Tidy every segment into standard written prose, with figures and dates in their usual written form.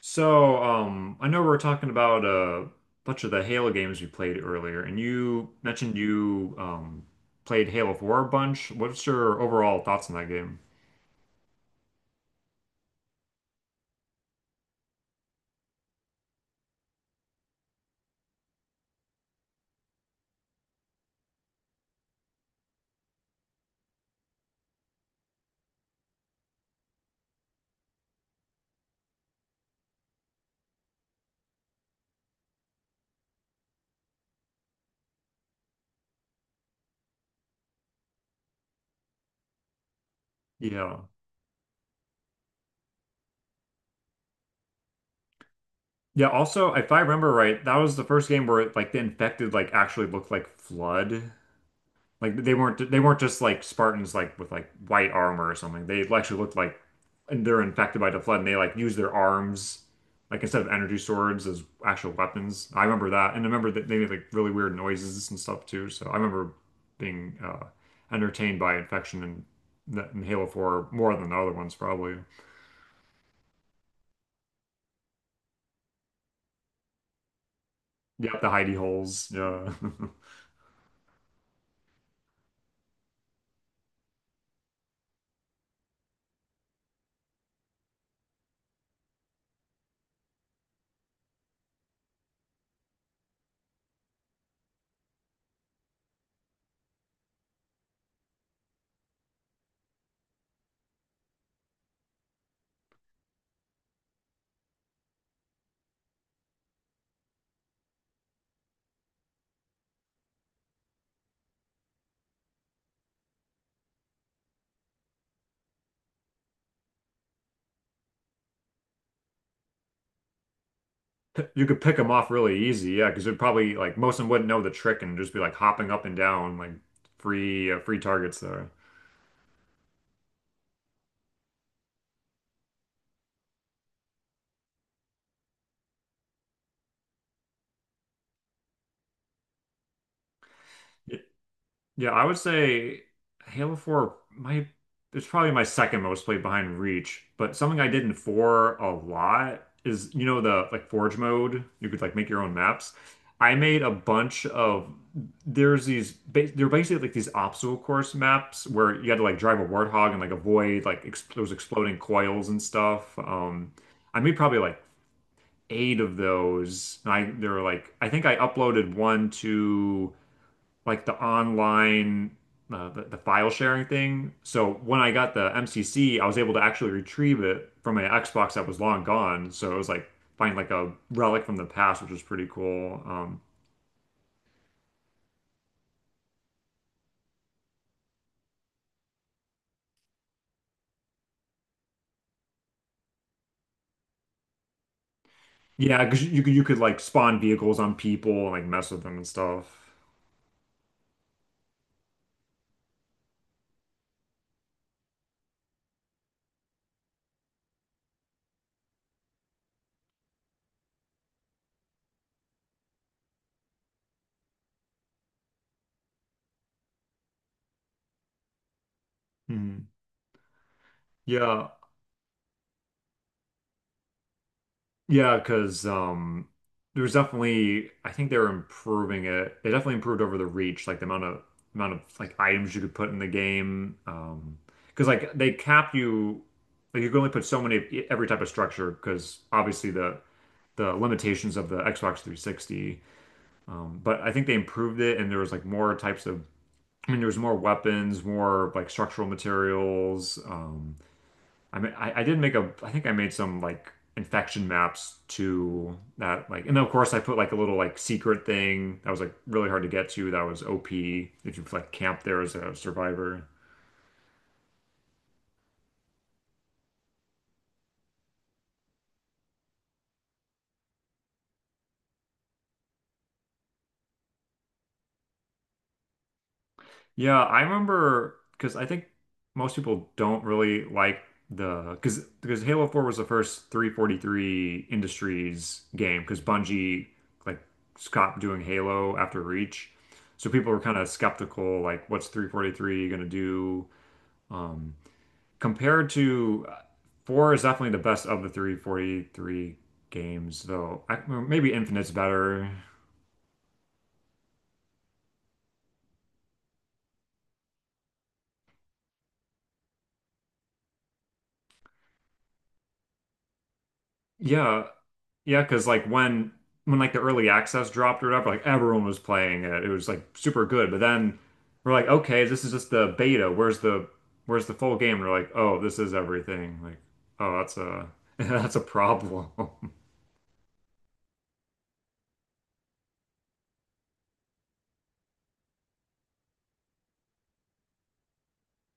So, I know we were talking about a bunch of the Halo games we played earlier, and you mentioned you played Halo 4 a bunch. What's your overall thoughts on that game? Yeah. Yeah, also, if I remember right, that was the first game where like the infected like actually looked like Flood. Like they weren't just like Spartans like with like white armor or something. They actually looked like and they're infected by the flood, and they like use their arms like instead of energy swords as actual weapons. I remember that, and I remember that they made like really weird noises and stuff too. So I remember being entertained by infection and that in Halo 4 more than the other ones probably. Yeah, the hidey holes. Yeah. You could pick them off really easy, yeah, because it'd probably like most of them wouldn't know the trick and just be like hopping up and down like free free targets there. Yeah, yeah, I would say Halo 4 my it's probably my second most played behind Reach, but something I did in 4 a lot is you know the like Forge mode, you could like make your own maps. I made a bunch of they're basically like these obstacle course maps where you had to like drive a warthog and like avoid like ex those exploding coils and stuff. I made probably like eight of those. And I they're like I think I uploaded one to like the online the file sharing thing. So when I got the MCC, I was able to actually retrieve it from an Xbox that was long gone. So it was like find like a relic from the past, which was pretty cool. Yeah, because you could like spawn vehicles on people and like mess with them and stuff. Mhm. Yeah. Yeah, because there was definitely I think they were improving it. They definitely improved over the Reach, like the amount of like items you could put in the game. Because like they cap you, like you can only put so many of every type of structure. Because obviously the limitations of the Xbox 360. But I think they improved it, and there was like more types of. I mean, there was more weapons, more like structural materials. I mean, I did make a, I think I made some like infection maps to that, like, and then of course I put like a little like secret thing that was like really hard to get to. That was OP if you like camp there as a survivor. Yeah, I remember because I think most people don't really like the because Halo 4 was the first 343 Industries game, because Bungie like stopped doing Halo after Reach. So people were kind of skeptical, like, what's 343 gonna do? Um, compared to four is definitely the best of the 343 games, though. I, well, maybe Infinite's better. Yeah, yeah, because like when like the early access dropped or whatever, like everyone was playing it. It was like super good. But then we're like, okay, this is just the beta. Where's the full game? And we're like, oh, this is everything. Like, oh, that's a that's a problem.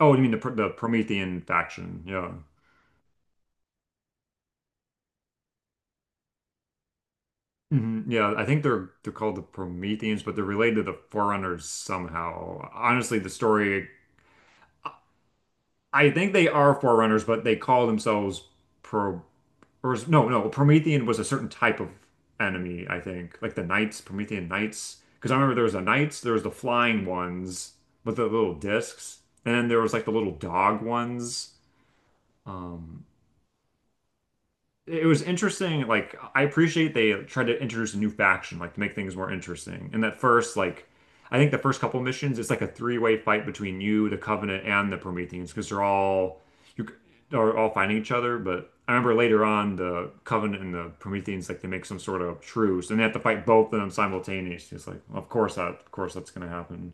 Oh, you mean the the Promethean faction? Yeah. Hmm, yeah, I think they're called the Prometheans, but they're related to the Forerunners somehow. Honestly, the story, I think they are Forerunners, but they call themselves Pro or is- no, no, Promethean was a certain type of enemy, I think. Like the Knights, Promethean Knights. Because I remember there was the Knights, there was the flying ones with the little discs, and then there was like the little dog ones. Um, it was interesting. Like I appreciate they tried to introduce a new faction, like to make things more interesting. And that first, like I think the first couple missions, it's like a three-way fight between you, the Covenant, and the Prometheans, because they're all you are all fighting each other. But I remember later on, the Covenant and the Prometheans, like they make some sort of truce, and they have to fight both of them simultaneously. It's like, of course that's gonna happen.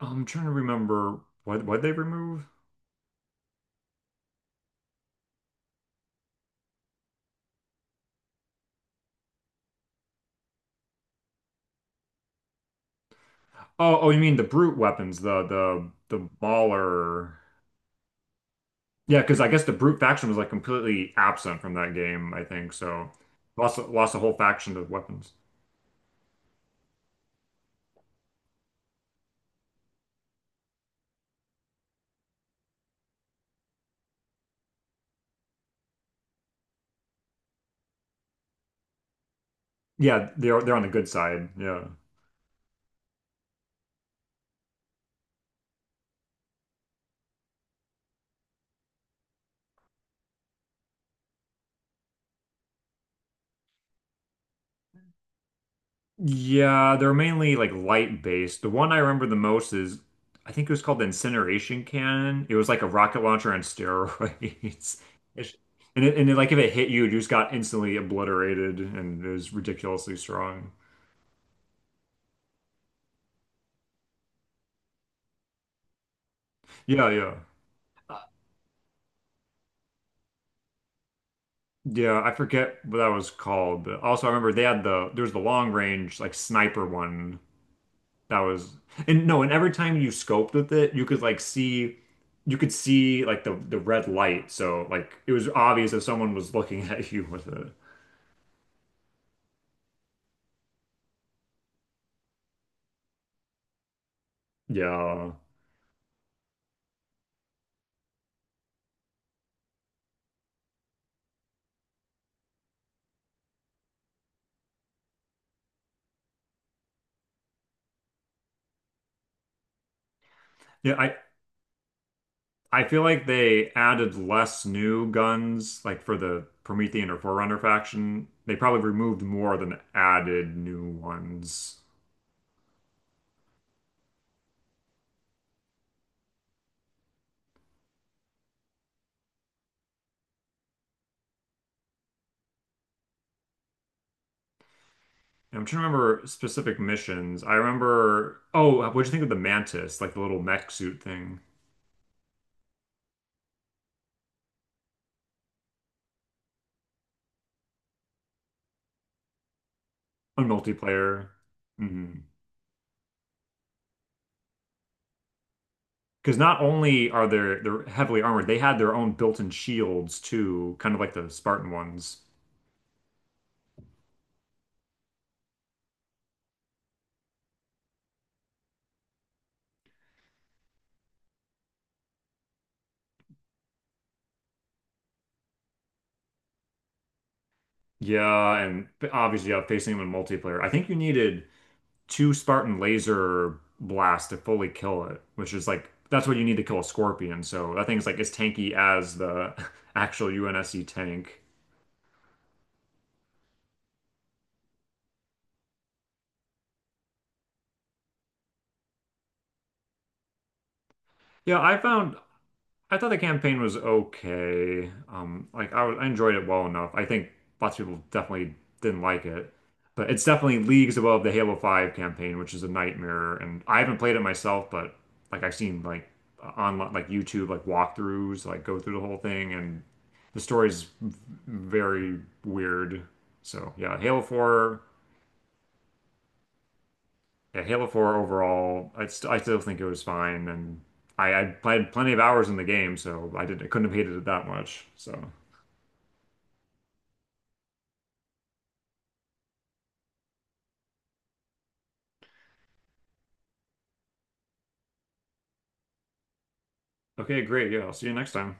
I'm trying to remember what they remove. Oh, oh, you mean the brute weapons, the the Mauler. Yeah, because I guess the brute faction was like completely absent from that game, I think. So lost a whole faction to weapons. Yeah, they're on the good side. Yeah. Yeah, they're mainly like light based. The one I remember the most is I think it was called the incineration cannon. It was like a rocket launcher on steroids. It's- And it, like if it hit you, you just got instantly obliterated, and it was ridiculously strong. Yeah, yeah. Yeah, I forget what that was called, but also I remember they had there was the long range like sniper one that was and no, and every time you scoped with it, you could see like the red light, so like it was obvious if someone was looking at you with it. Yeah. Yeah, I feel like they added less new guns like for the Promethean or Forerunner faction. They probably removed more than added new ones. I'm trying to remember specific missions. I remember. Oh, what'd you think of the Mantis, like the little mech suit thing on multiplayer? Mm-hmm. Because not only are they're heavily armored, they had their own built-in shields too, kind of like the Spartan ones. Yeah, and obviously, yeah, facing them in multiplayer. I think you needed two Spartan laser blasts to fully kill it, which is like that's what you need to kill a Scorpion. So that thing's like as tanky as the actual UNSC tank. Yeah, I found I thought the campaign was okay. Like I enjoyed it well enough. I think lots of people definitely didn't like it, but it's definitely leagues above the Halo 5 campaign, which is a nightmare. And I haven't played it myself, but like I've seen like on like YouTube like walkthroughs, like go through the whole thing, and the story's very weird. So yeah, Halo 4. Yeah, Halo 4 overall, I still think it was fine, and I played plenty of hours in the game, so I couldn't have hated it that much. So okay, great. Yeah, I'll see you next time.